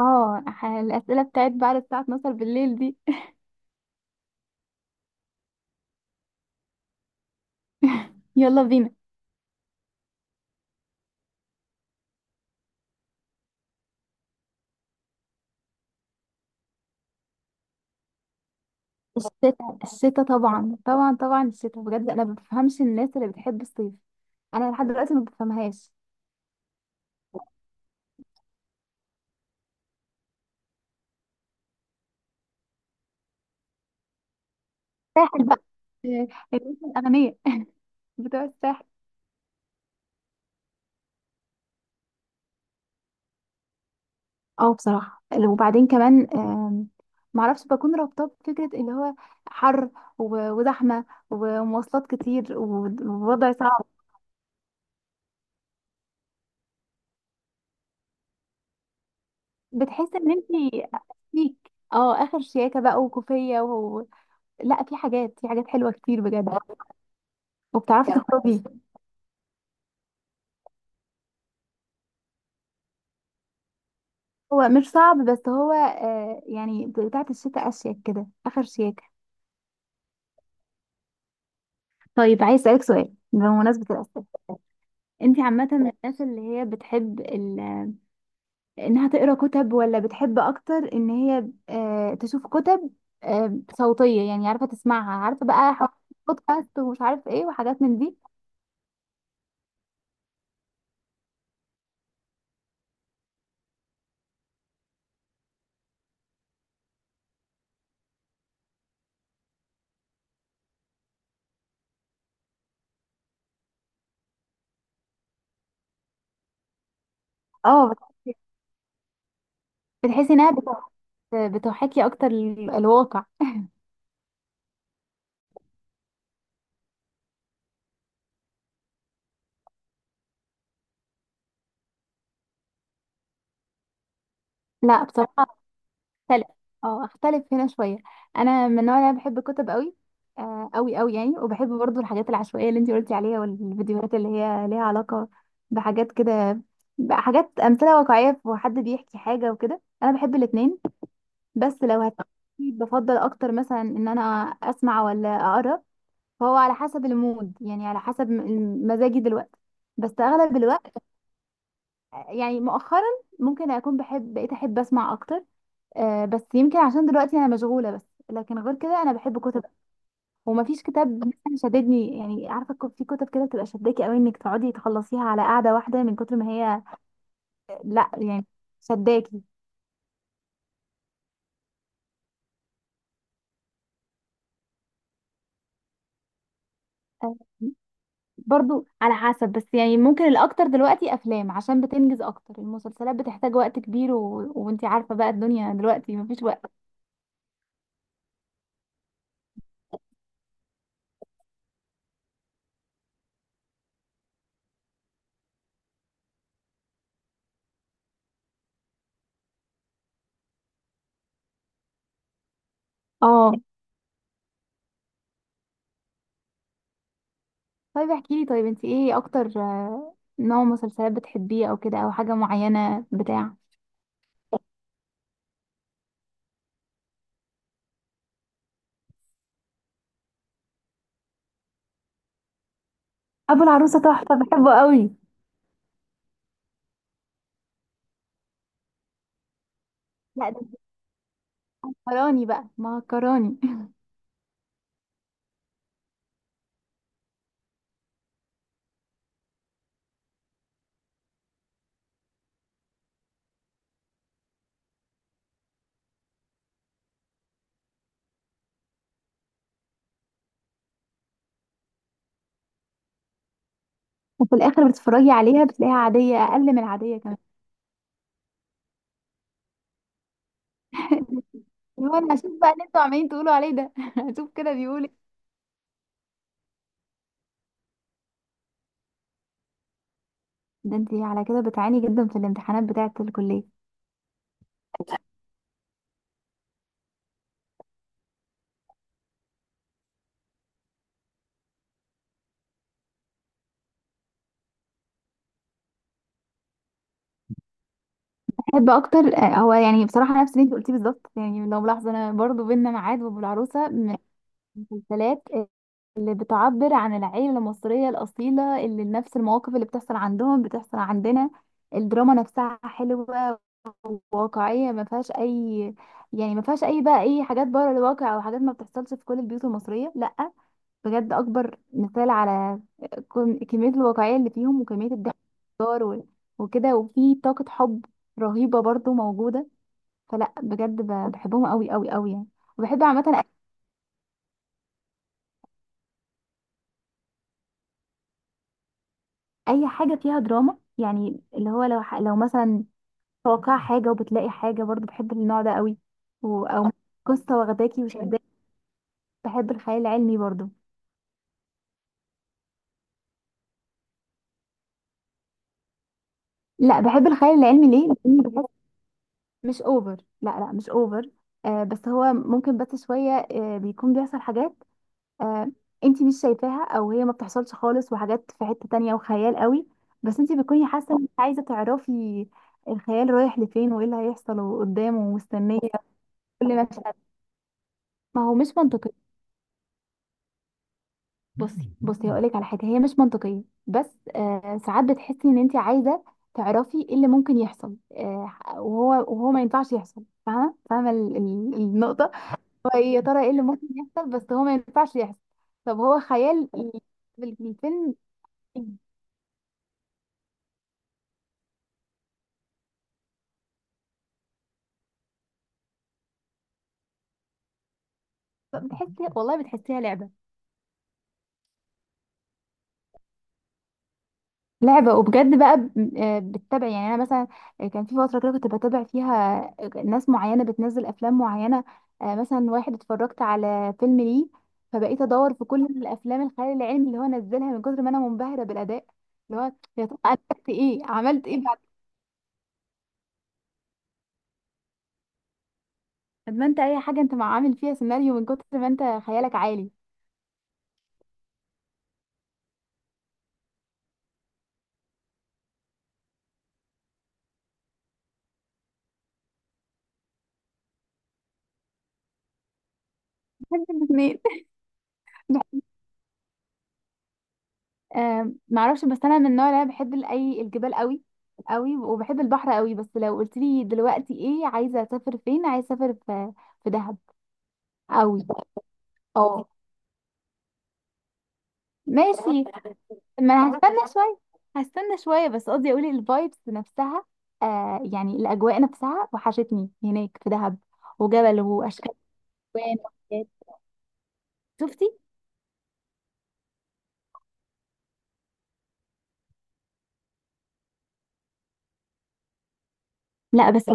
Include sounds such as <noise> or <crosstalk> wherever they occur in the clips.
اه، الأسئلة بتاعت بعد الساعة 12 بالليل دي. <laughs> يلا بينا. الشتاء الشتاء، طبعا طبعا طبعا الشتاء، بجد انا ما بفهمش الناس اللي بتحب الصيف. انا لحد دلوقتي ما بفهمهاش. ساحل بقى. آه، الناس الاغنياء <laughs> بتوع الساحل. اه، بصراحة وبعدين كمان معرفش، بكون رابطة بفكرة اللي هو حر وزحمة ومواصلات كتير ووضع صعب. بتحس ان انتي فيك اخر شياكة بقى وكوفية. لا، في حاجات حلوة كتير بجد. وبتعرفي بجد تخرجي. هو مش صعب، بس هو يعني بتاعة الشتاء أشيك كده، آخر شياكة. طيب، عايز أسألك سؤال بمناسبة الأسئلة. أنت عامة من الناس اللي هي بتحب إنها تقرأ كتب، ولا بتحب أكتر إن هي تشوف كتب صوتية؟ يعني عارفة تسمعها، عارفة بقى، حاجات بودكاست ومش عارف إيه وحاجات من دي. اه، بتحسي إنها بتحاكي أكتر الواقع؟ لا بصراحة اختلف هنا شويه. انا من النوع اللي بحب الكتب قوي. قوي قوي يعني، وبحب برضو الحاجات العشوائيه اللي انتي قلتي عليها، والفيديوهات اللي هي ليها علاقه بحاجات كده. حاجات امثله واقعيه وحد بيحكي حاجه وكده، انا بحب الاتنين. بس لو <laughs> بفضل اكتر مثلا ان انا اسمع ولا اقرا. فهو على حسب المود، يعني على حسب مزاجي دلوقتي. بس اغلب الوقت، يعني مؤخرا، ممكن اكون بحب، بقيت احب اسمع اكتر. بس يمكن عشان دلوقتي انا مشغوله بس. لكن غير كده انا بحب كتب. ومفيش كتاب مثلا شددني، يعني عارفه، في كتب كده بتبقى شداكي قوي انك تقعدي تخلصيها على قعده واحده من كتر ما هي. لا يعني شداكي. آه، برضو على حسب، بس يعني ممكن الاكتر دلوقتي افلام عشان بتنجز اكتر. المسلسلات بتحتاج وقت كبير وانتي عارفه بقى، الدنيا دلوقتي مفيش وقت. اه، طيب احكي لي، طيب انتي ايه اكتر نوع مسلسلات بتحبيه؟ او كده، او حاجه معينه بتاع. ابو العروسه تحفه، بحبه قوي. لا، ده انت مهكراني بقى، مهكراني. وفي الاخر بتتفرجي عليها بتلاقيها عاديه، اقل من العاديه كمان. <laughs> اللي هو انا هشوف بقى اللي انتوا عمالين تقولوا عليه ده، <laughs> هشوف كده بيقول إيه. ده انت على كده بتعاني جدا في الامتحانات بتاعه الكليه. بحب اكتر هو يعني بصراحه نفس اللي انت قلتيه بالظبط. يعني لو ملاحظه، انا برضو بينا ميعاد وابو العروسه من المسلسلات اللي بتعبر عن العيلة المصرية الأصيلة، اللي نفس المواقف اللي بتحصل عندهم بتحصل عندنا. الدراما نفسها حلوة وواقعية، ما فيهاش أي، يعني ما فيهاش أي بقى، أي حاجات بره الواقع أو حاجات ما بتحصلش في كل البيوت المصرية، لأ. بجد أكبر مثال على كمية الواقعية اللي فيهم وكمية الضحك والهزار وكده، وفي طاقة حب رهيبة برضو موجودة. فلأ بجد بحبهم أوي أوي أوي يعني. وبحب عامة اي حاجه فيها دراما، يعني اللي هو لو لو مثلا توقع حاجه وبتلاقي حاجه، برضو بحب النوع ده قوي. او قصه واخداكي وشداكي. بحب الخيال العلمي برضو. لا، بحب الخيال العلمي ليه؟ لان بحس مش اوفر. لا لا، مش اوفر. بس هو ممكن بس شويه بيكون بيحصل حاجات آه انتي مش شايفاها، او هي ما بتحصلش خالص، وحاجات في حته تانية وخيال قوي. بس انتي بتكوني حاسه انك عايزه تعرفي الخيال رايح لفين، وايه اللي هيحصل وقدامه، ومستنيه كل مشهد. ما هو مش منطقي. بصي بصي، هقولك على حاجه هي مش منطقيه. بس ساعات بتحسي ان انت عايزه تعرفي ايه اللي ممكن يحصل وهو ما ينفعش يحصل، فاهمه؟ فاهمه النقطه. هو إيه يا ترى؟ ايه اللي ممكن يحصل بس هو ما ينفعش يحصل؟ طب هو خيال في الفيلم. بتحسي والله بتحسيها لعبه. لعبة، وبجد بقى بتتابع. يعني انا مثلا كان في فترة كده كنت بتابع فيها ناس معينة بتنزل افلام معينة. مثلا واحد اتفرجت على فيلم ليه، فبقيت ادور في كل الافلام الخيال العلمي اللي هو نزلها، من كتر ما انا منبهرة بالاداء. اللي هو يا ترى اديت ايه عملت ايه بعد. طب ما انت اي حاجة انت مع عامل فيها سيناريو من كتر ما انت خيالك عالي. بحب الاثنين. <laughs> معرفش. بس انا من النوع اللي انا بحب ال- اي الجبال قوي قوي، وبحب البحر قوي. بس لو قلت لي دلوقتي ايه عايزه اسافر فين، عايزه اسافر في دهب قوي. اه، ماشي. ما هستنى شويه هستنى شويه، بس قصدي اقول الفايبس نفسها. يعني الاجواء نفسها، وحشتني هناك في دهب، وجبل واشكال، الوان. شفتي؟ لا بس،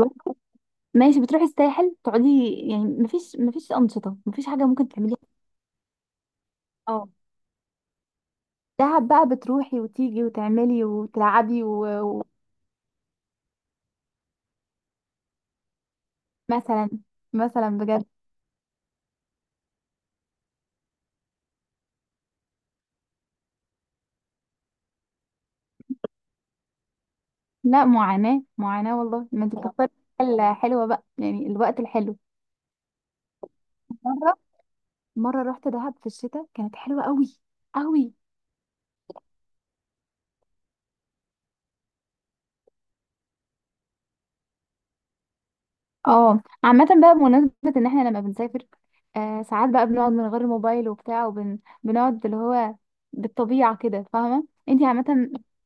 ماشي، بتروحي الساحل تقعدي، يعني مفيش انشطه، مفيش حاجه ممكن تعمليها. اه، دهب بقى بتروحي وتيجي وتعملي وتلعبي ومثلا مثلا بجد. لا، معاناة معاناة والله. ما انت بتختاري الحاجة الحلوة بقى، يعني الوقت الحلو. مرة مرة رحت دهب في الشتاء، كانت حلوة قوي قوي. اه، عامة بقى بمناسبة ان احنا لما بنسافر ساعات بقى بنقعد من غير موبايل وبتاع، وبنقعد اللي هو بالطبيعة كده، فاهمة؟ انت عامة الشخصيات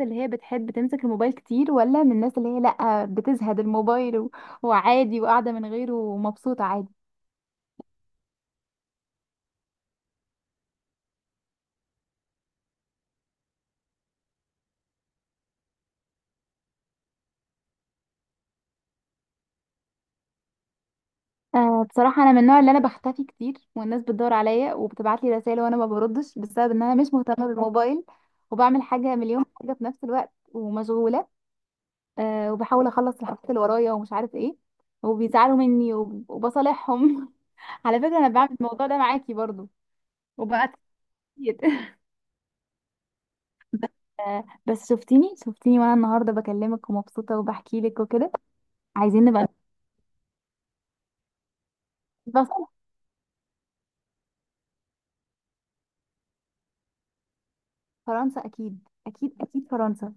اللي هي بتحب تمسك الموبايل كتير، ولا من الناس اللي هي لأ بتزهد الموبايل وعادي وقاعدة من غيره ومبسوطة عادي؟ بصراحة أنا من النوع اللي أنا بختفي كتير، والناس بتدور عليا وبتبعت لي رسائل وأنا ما بردش بسبب إن أنا مش مهتمة بالموبايل. وبعمل حاجة، مليون حاجة في نفس الوقت، ومشغولة وبحاول أخلص الحاجات اللي ورايا ومش عارف إيه. وبيزعلوا مني وبصالحهم. <laughs> على فكرة أنا بعمل الموضوع ده معاكي برضو، وبقى كتير. بس بس شفتيني شفتيني، وانا النهارده بكلمك ومبسوطه وبحكي لك وكده. عايزين نبقى بس. فرنسا اكيد اكيد اكيد، فرنسا.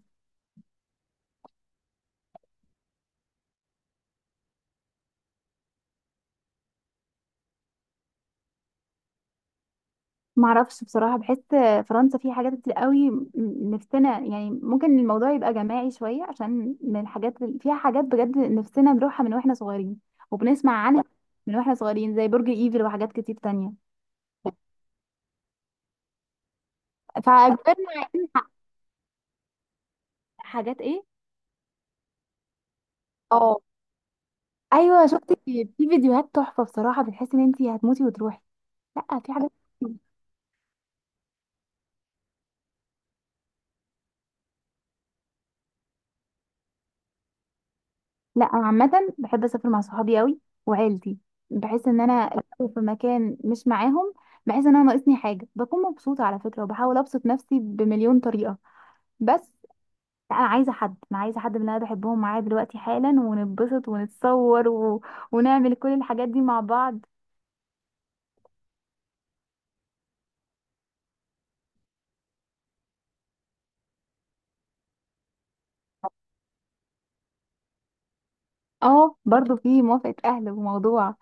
معرفش بصراحه، بحس فرنسا فيه حاجات كتير قوي نفسنا يعني، ممكن الموضوع يبقى جماعي شويه، عشان من الحاجات فيها حاجات بجد نفسنا نروحها من واحنا صغيرين، وبنسمع عنها من واحنا صغيرين زي برج ايفل وحاجات كتير تانية. فكبرنا عايزين حاجات ايه. اه ايوه، شفت في فيديوهات تحفه بصراحه، بتحس ان انت هتموتي وتروحي. لا، في حاجات كتير. لا انا عامه بحب اسافر مع صحابي قوي، وعيلتي. بحس ان انا لو في مكان مش معاهم، بحس ان انا ناقصني حاجه، بكون مبسوطه على فكره وبحاول ابسط نفسي بمليون طريقه. بس لا، انا عايزه حد، انا عايزه حد من اللي انا بحبهم معايا دلوقتي حالا، ونتبسط ونتصور ونعمل كل الحاجات دي مع بعض. اه، برضو في موافقه اهل وموضوع.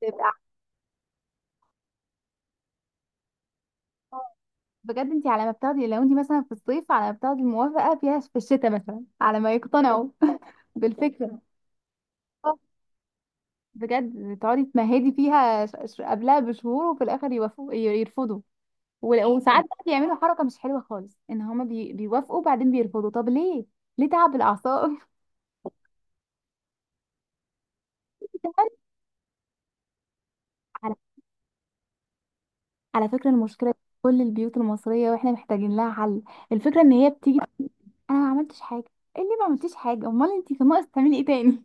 تبقى بجد، انت على ما بتاخدي، لو انت مثلا في الصيف على ما بتاخدي الموافقه فيها في الشتاء مثلا، على ما يقتنعوا. <laughs> بالفكره، آه، بجد تقعدي تمهدي فيها قبلها بشهور وفي الاخر يوافقوا يرفضوا. وساعات بقى بيعملوا حركه مش حلوه خالص، ان هما بيوافقوا بعدين بيرفضوا، طب ليه؟ ليه تعب الاعصاب؟ <laughs> كمان. على على فكره المشكله دي في كل البيوت المصريه، واحنا محتاجين لها حل. الفكره ان هي بتيجي تقول انا ما عملتش حاجه. إيه اللي ما عملتيش حاجه؟ امال انت كان ناقص تعملي ايه تاني؟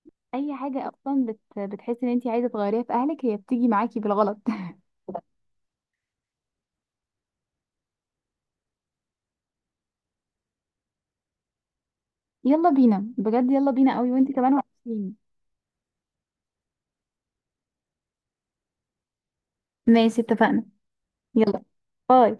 <laughs> اي حاجه اصلا بتحسي ان انت عايزه تغيريها في اهلك هي بتيجي معاكي بالغلط. <laughs> يلا بينا بجد، يلا بينا قوي، وانت كمان وحشين. ماشي اتفقنا. يلا. هاي.